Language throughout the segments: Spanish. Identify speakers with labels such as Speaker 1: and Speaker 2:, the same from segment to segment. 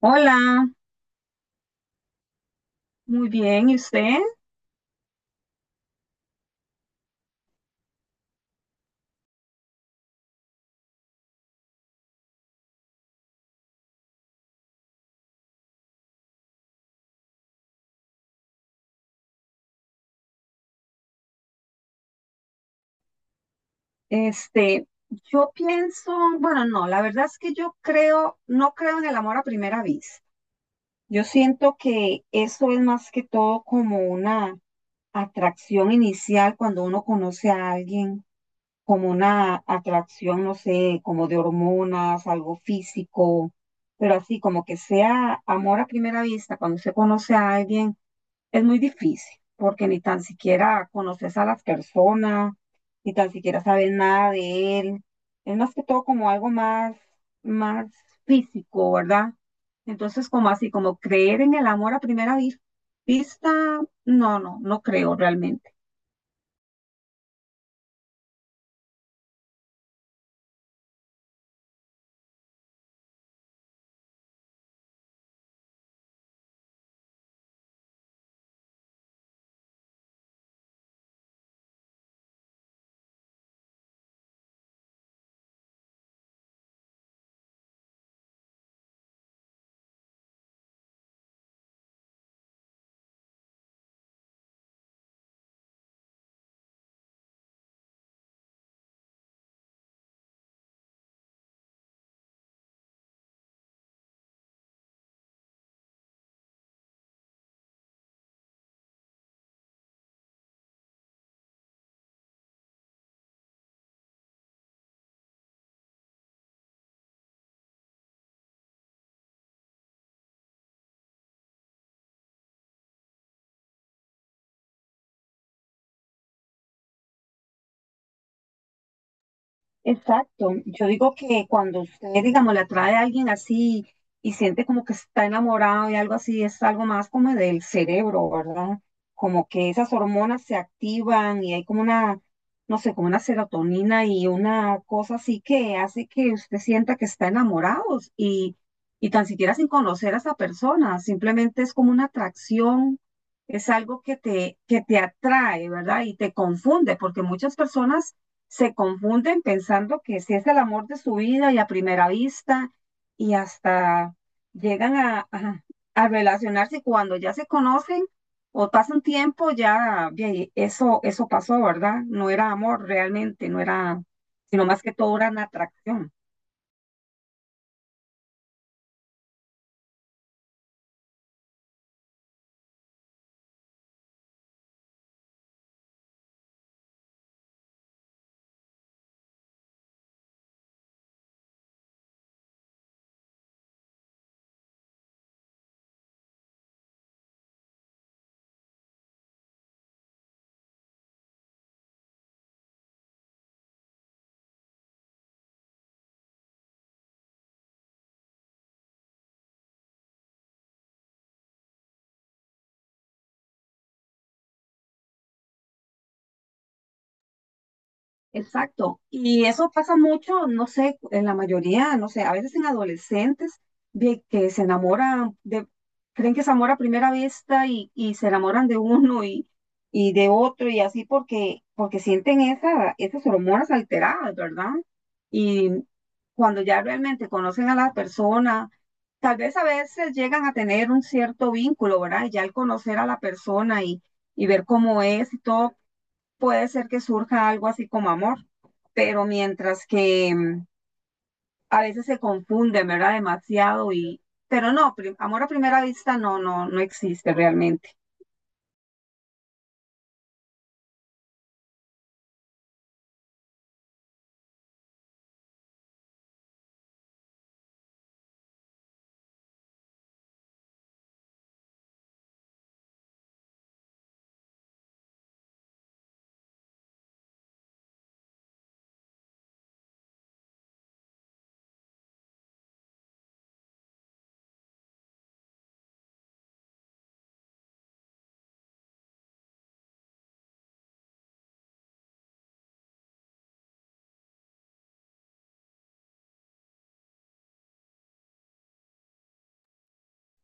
Speaker 1: Hola, muy bien. ¿Y usted? Este, yo pienso, bueno, no, la verdad es que no creo en el amor a primera vista. Yo siento que eso es más que todo como una atracción inicial cuando uno conoce a alguien, como una atracción, no sé, como de hormonas, algo físico, pero así como que sea amor a primera vista cuando se conoce a alguien. Es muy difícil porque ni tan siquiera conoces a las personas, ni tan siquiera sabes nada de él. Es más que todo como algo más, más físico, ¿verdad? Entonces, como así, como creer en el amor a primera vista, no, no, no creo realmente. Exacto. Yo digo que cuando usted, digamos, le atrae a alguien así y siente como que está enamorado y algo así, es algo más como del cerebro, ¿verdad? Como que esas hormonas se activan y hay como no sé, como una serotonina y una cosa así que hace que usted sienta que está enamorado y, y tan siquiera sin conocer a esa persona, simplemente es como una atracción. Es algo que te atrae, ¿verdad? Y te confunde, porque muchas personas se confunden pensando que si es el amor de su vida y a primera vista y hasta llegan a relacionarse y cuando ya se conocen o pasa un tiempo, ya, ya, y eso pasó, ¿verdad? No era amor realmente, no era, sino más que todo era una atracción. Exacto. Y eso pasa mucho, no sé, en la mayoría, no sé, a veces en adolescentes de que se enamoran, creen que se amor a primera vista y se enamoran de uno y de otro y así porque sienten esas hormonas alteradas, ¿verdad? Y cuando ya realmente conocen a la persona, tal vez a veces llegan a tener un cierto vínculo, ¿verdad? Y ya al conocer a la persona y ver cómo es y todo puede ser que surja algo así como amor, pero mientras que a veces se confunden, ¿verdad? Demasiado pero no, amor a primera vista no, no, no existe realmente.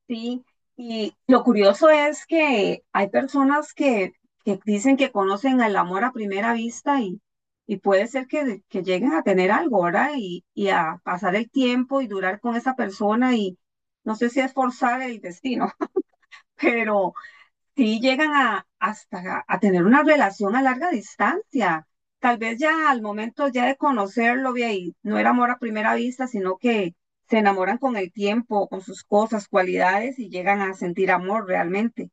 Speaker 1: Sí, y lo curioso es que hay personas que dicen que conocen el amor a primera vista y puede ser que lleguen a tener algo, ¿verdad? Y a pasar el tiempo y durar con esa persona y no sé si es forzar el destino, pero sí llegan hasta a tener una relación a larga distancia. Tal vez ya al momento ya de conocerlo, ve ahí, no era amor a primera vista, sino que se enamoran con el tiempo, con sus cosas, cualidades y llegan a sentir amor realmente.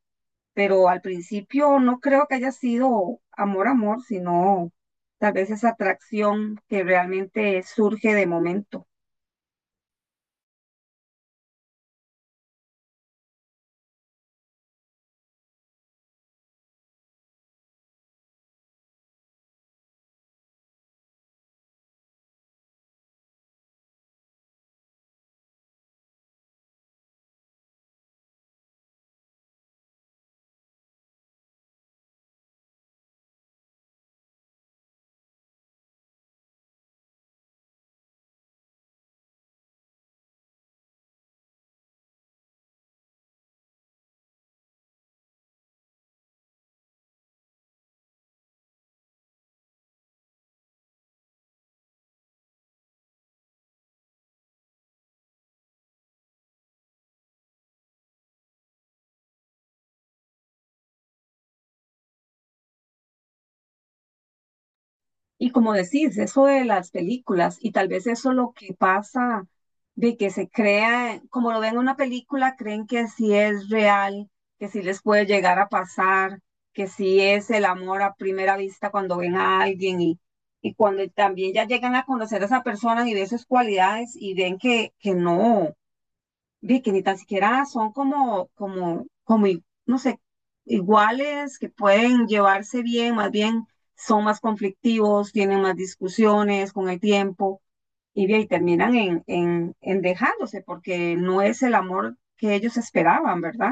Speaker 1: Pero al principio no creo que haya sido amor, amor, sino tal vez esa atracción que realmente surge de momento. Y como decís, eso de las películas, y tal vez eso lo que pasa de que se crea, como lo ven en una película, creen que sí es real, que sí les puede llegar a pasar, que sí es el amor a primera vista cuando ven a alguien y cuando también ya llegan a conocer a esa persona y ve sus cualidades y ven que no vi que ni tan siquiera son como no sé, iguales, que pueden llevarse bien, más bien son más conflictivos, tienen más discusiones con el tiempo y, de ahí terminan en dejándose porque no es el amor que ellos esperaban, ¿verdad?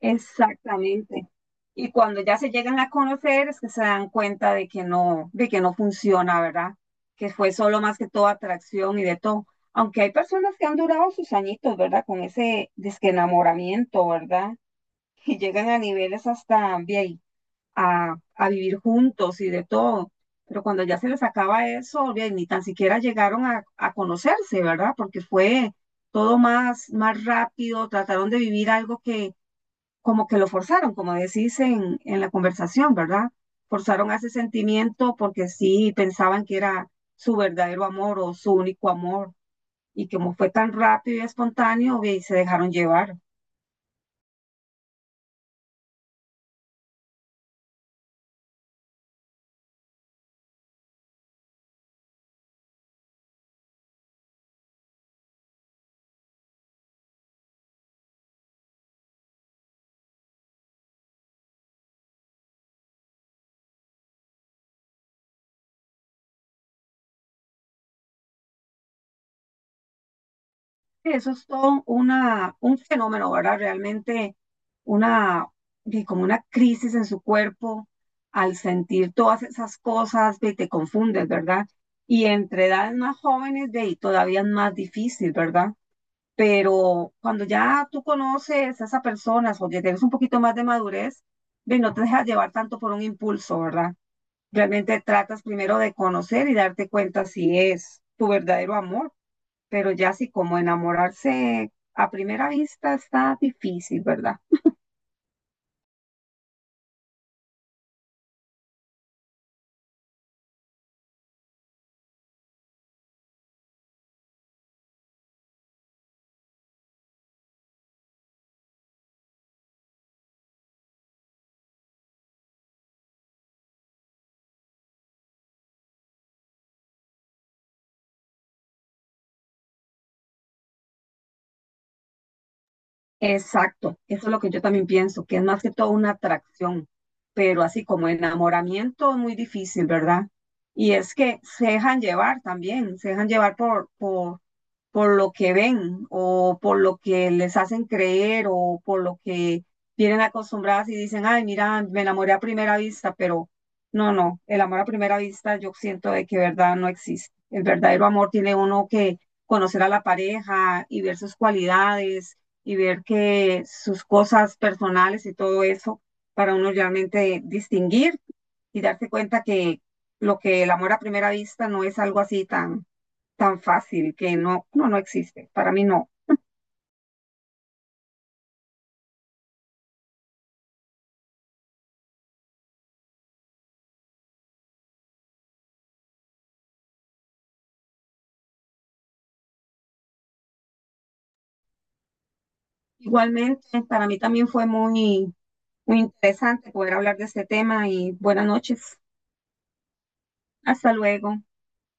Speaker 1: Exactamente. Y cuando ya se llegan a conocer es que se dan cuenta de que no funciona, ¿verdad? Que fue solo más que todo atracción y de todo. Aunque hay personas que han durado sus añitos, ¿verdad? Con ese desenamoramiento, ¿verdad? Y llegan a niveles hasta bien, a vivir juntos y de todo. Pero cuando ya se les acaba eso, bien, ni tan siquiera llegaron a conocerse, ¿verdad? Porque fue todo más, más rápido, trataron de vivir algo que como que lo forzaron, como decís en la conversación, ¿verdad? Forzaron a ese sentimiento porque sí pensaban que era su verdadero amor o su único amor, y que como fue tan rápido y espontáneo, ve, y se dejaron llevar. Eso es todo un fenómeno, ¿verdad? Realmente una, ve, como una crisis en su cuerpo al sentir todas esas cosas, ve, te confundes, ¿verdad? Y entre edades más jóvenes, de ahí todavía es más difícil, ¿verdad? Pero cuando ya tú conoces a esa persona o que tienes un poquito más de madurez, ve, no te dejas llevar tanto por un impulso, ¿verdad? Realmente tratas primero de conocer y darte cuenta si es tu verdadero amor, pero ya sí como enamorarse a primera vista está difícil, ¿verdad? Exacto, eso es lo que yo también pienso, que es más que todo una atracción, pero así como enamoramiento es muy difícil, ¿verdad? Y es que se dejan llevar también, se dejan llevar por lo que ven o por lo que les hacen creer o por lo que vienen acostumbradas y dicen, ay, mira, me enamoré a primera vista, pero no, no, el amor a primera vista yo siento de que verdad no existe. El verdadero amor tiene uno que conocer a la pareja y ver sus cualidades y ver que sus cosas personales y todo eso para uno realmente distinguir y darse cuenta que lo que el amor a primera vista no es algo así tan tan fácil, que no, no, no existe. Para mí no. Igualmente, para mí también fue muy, muy interesante poder hablar de este tema y buenas noches. Hasta luego.